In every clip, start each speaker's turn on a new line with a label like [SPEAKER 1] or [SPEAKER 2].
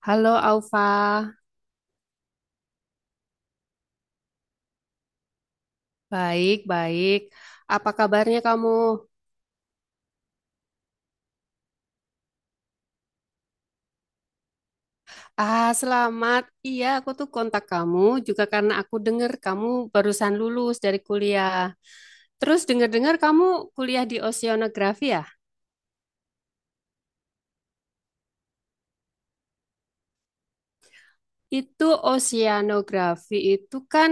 [SPEAKER 1] Halo Aufa, baik-baik. Apa kabarnya kamu? Ah, selamat. Iya, aku tuh kontak kamu juga karena aku dengar kamu barusan lulus dari kuliah. Terus dengar-dengar kamu kuliah di oceanografi ya? Itu oceanografi itu kan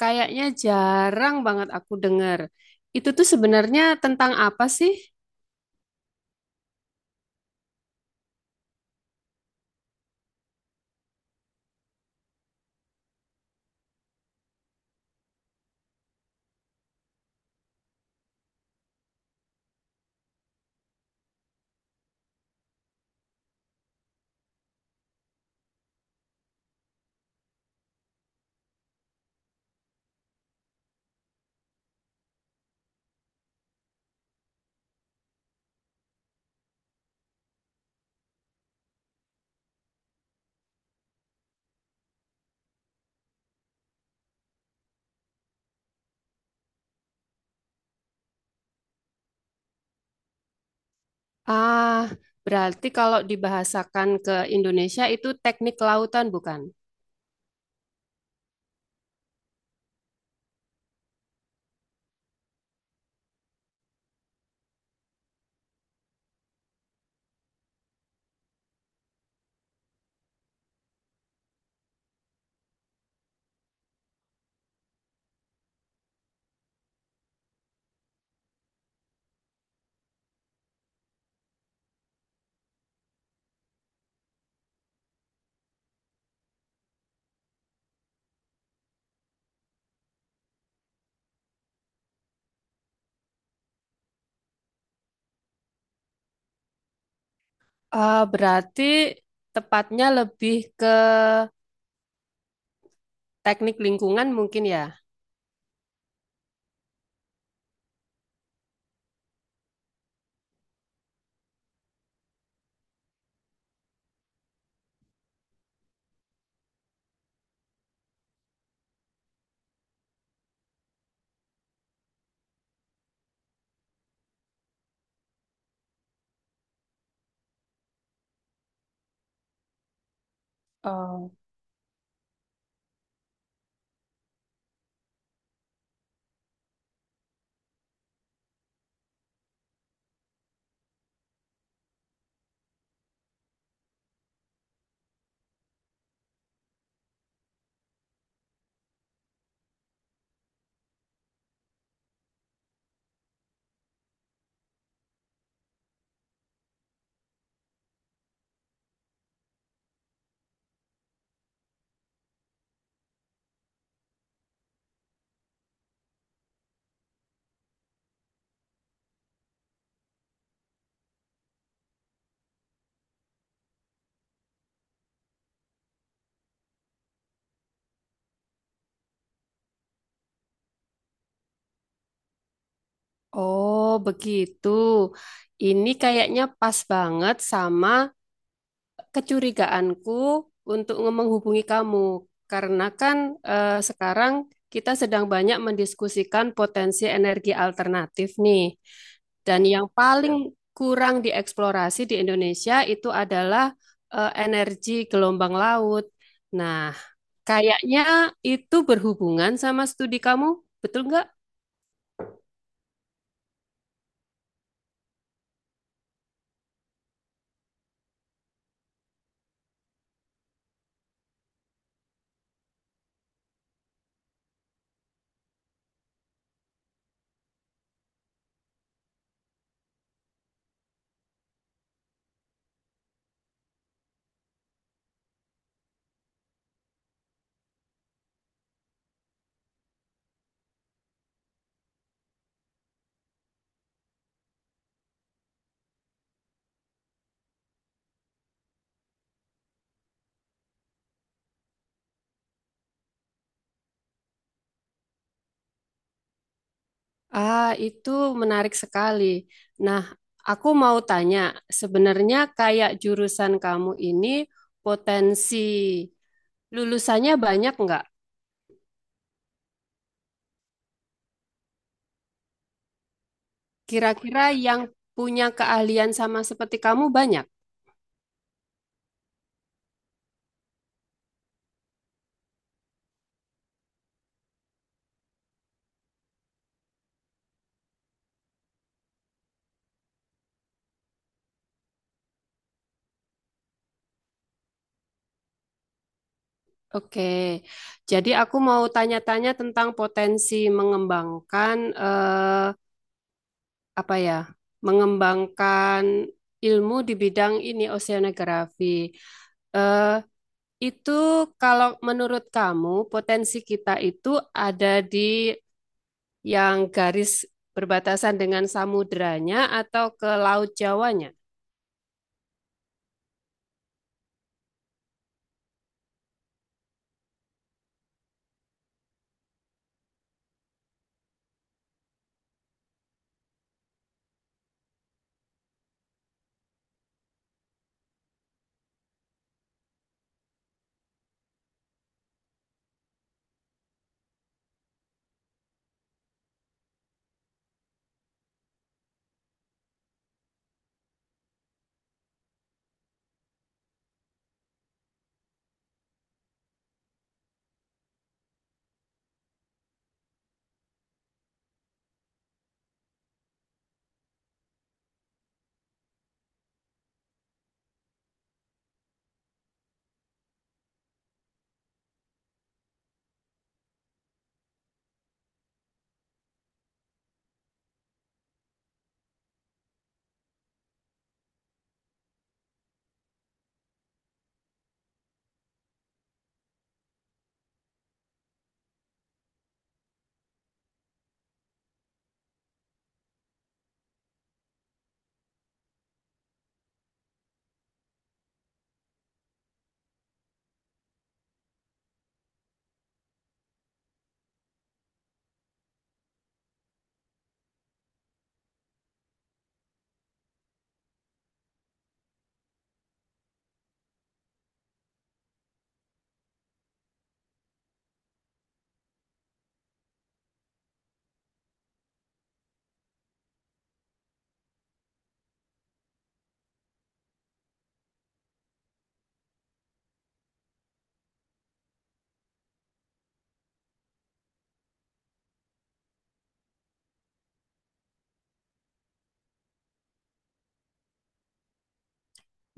[SPEAKER 1] kayaknya jarang banget aku dengar. Itu tuh sebenarnya tentang apa sih? Ah, berarti kalau dibahasakan ke Indonesia itu teknik lautan bukan? Ah, berarti tepatnya lebih ke teknik lingkungan mungkin ya? Oh, Oh, begitu. Ini kayaknya pas banget sama kecurigaanku untuk menghubungi kamu. Karena kan sekarang kita sedang banyak mendiskusikan potensi energi alternatif nih. Dan yang paling kurang dieksplorasi di Indonesia itu adalah energi gelombang laut. Nah, kayaknya itu berhubungan sama studi kamu, betul nggak? Ah, itu menarik sekali. Nah, aku mau tanya, sebenarnya kayak jurusan kamu ini potensi lulusannya banyak nggak? Kira-kira yang punya keahlian sama seperti kamu banyak? Oke, jadi aku mau tanya-tanya tentang potensi mengembangkan eh, apa ya? Mengembangkan ilmu di bidang ini oceanografi. Eh, itu kalau menurut kamu potensi kita itu ada di yang garis berbatasan dengan samudranya atau ke Laut Jawanya?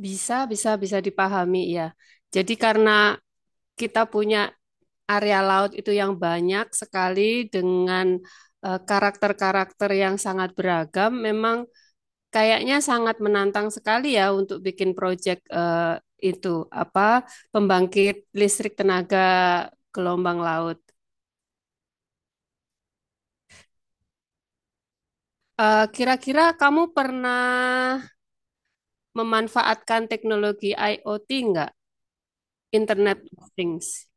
[SPEAKER 1] Bisa, bisa, bisa dipahami ya. Jadi karena kita punya area laut itu yang banyak sekali dengan karakter-karakter yang sangat beragam, memang kayaknya sangat menantang sekali ya untuk bikin proyek itu apa, pembangkit listrik tenaga gelombang laut. Kira-kira kamu pernah memanfaatkan teknologi IoT nggak? Internet of Things.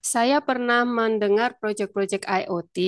[SPEAKER 1] Saya pernah mendengar proyek-proyek IoT,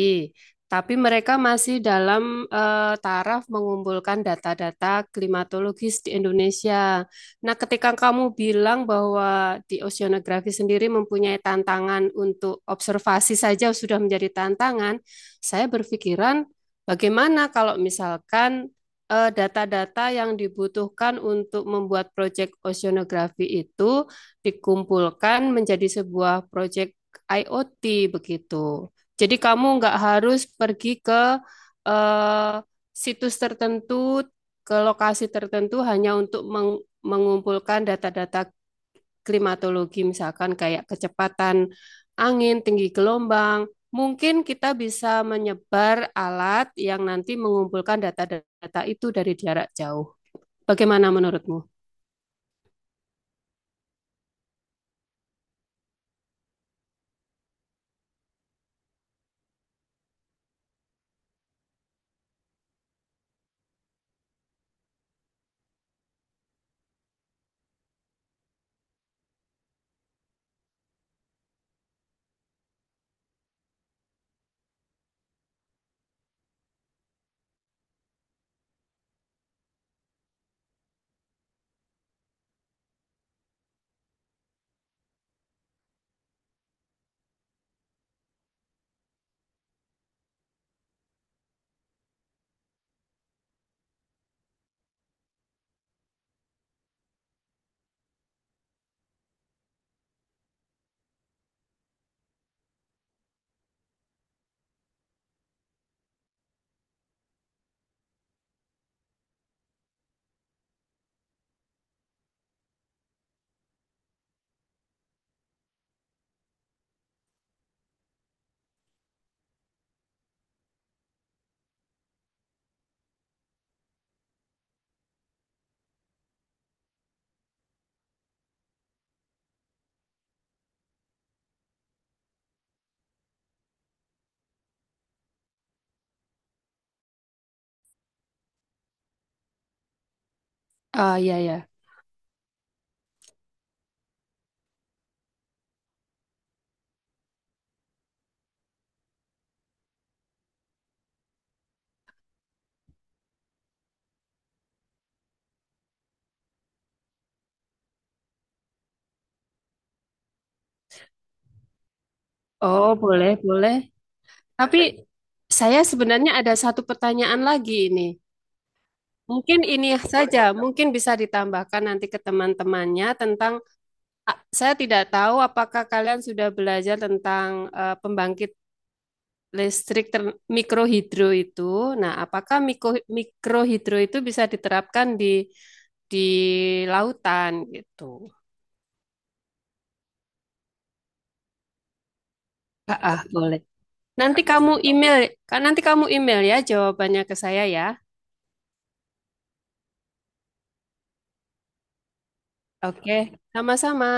[SPEAKER 1] tapi mereka masih dalam taraf mengumpulkan data-data klimatologis di Indonesia. Nah, ketika kamu bilang bahwa di oceanografi sendiri mempunyai tantangan untuk observasi saja sudah menjadi tantangan, saya berpikiran bagaimana kalau misalkan data-data yang dibutuhkan untuk membuat proyek oceanografi itu dikumpulkan menjadi sebuah proyek IoT begitu. Jadi kamu nggak harus pergi ke eh, situs tertentu, ke lokasi tertentu hanya untuk mengumpulkan data-data klimatologi, misalkan kayak kecepatan angin, tinggi gelombang. Mungkin kita bisa menyebar alat yang nanti mengumpulkan data-data itu dari jarak jauh. Bagaimana menurutmu? Ah, iya, ya. Oh, boleh, boleh. Tapi saya sebenarnya ada satu pertanyaan lagi ini. Mungkin ini saja, mungkin bisa ditambahkan nanti ke teman-temannya tentang, ah, saya tidak tahu apakah kalian sudah belajar tentang pembangkit listrik mikrohidro itu. Nah, apakah mikrohidro itu bisa diterapkan di lautan gitu. Ah, ah, boleh. Nanti kamu email, kan nanti kamu email ya jawabannya ke saya ya. Oke. Sama-sama.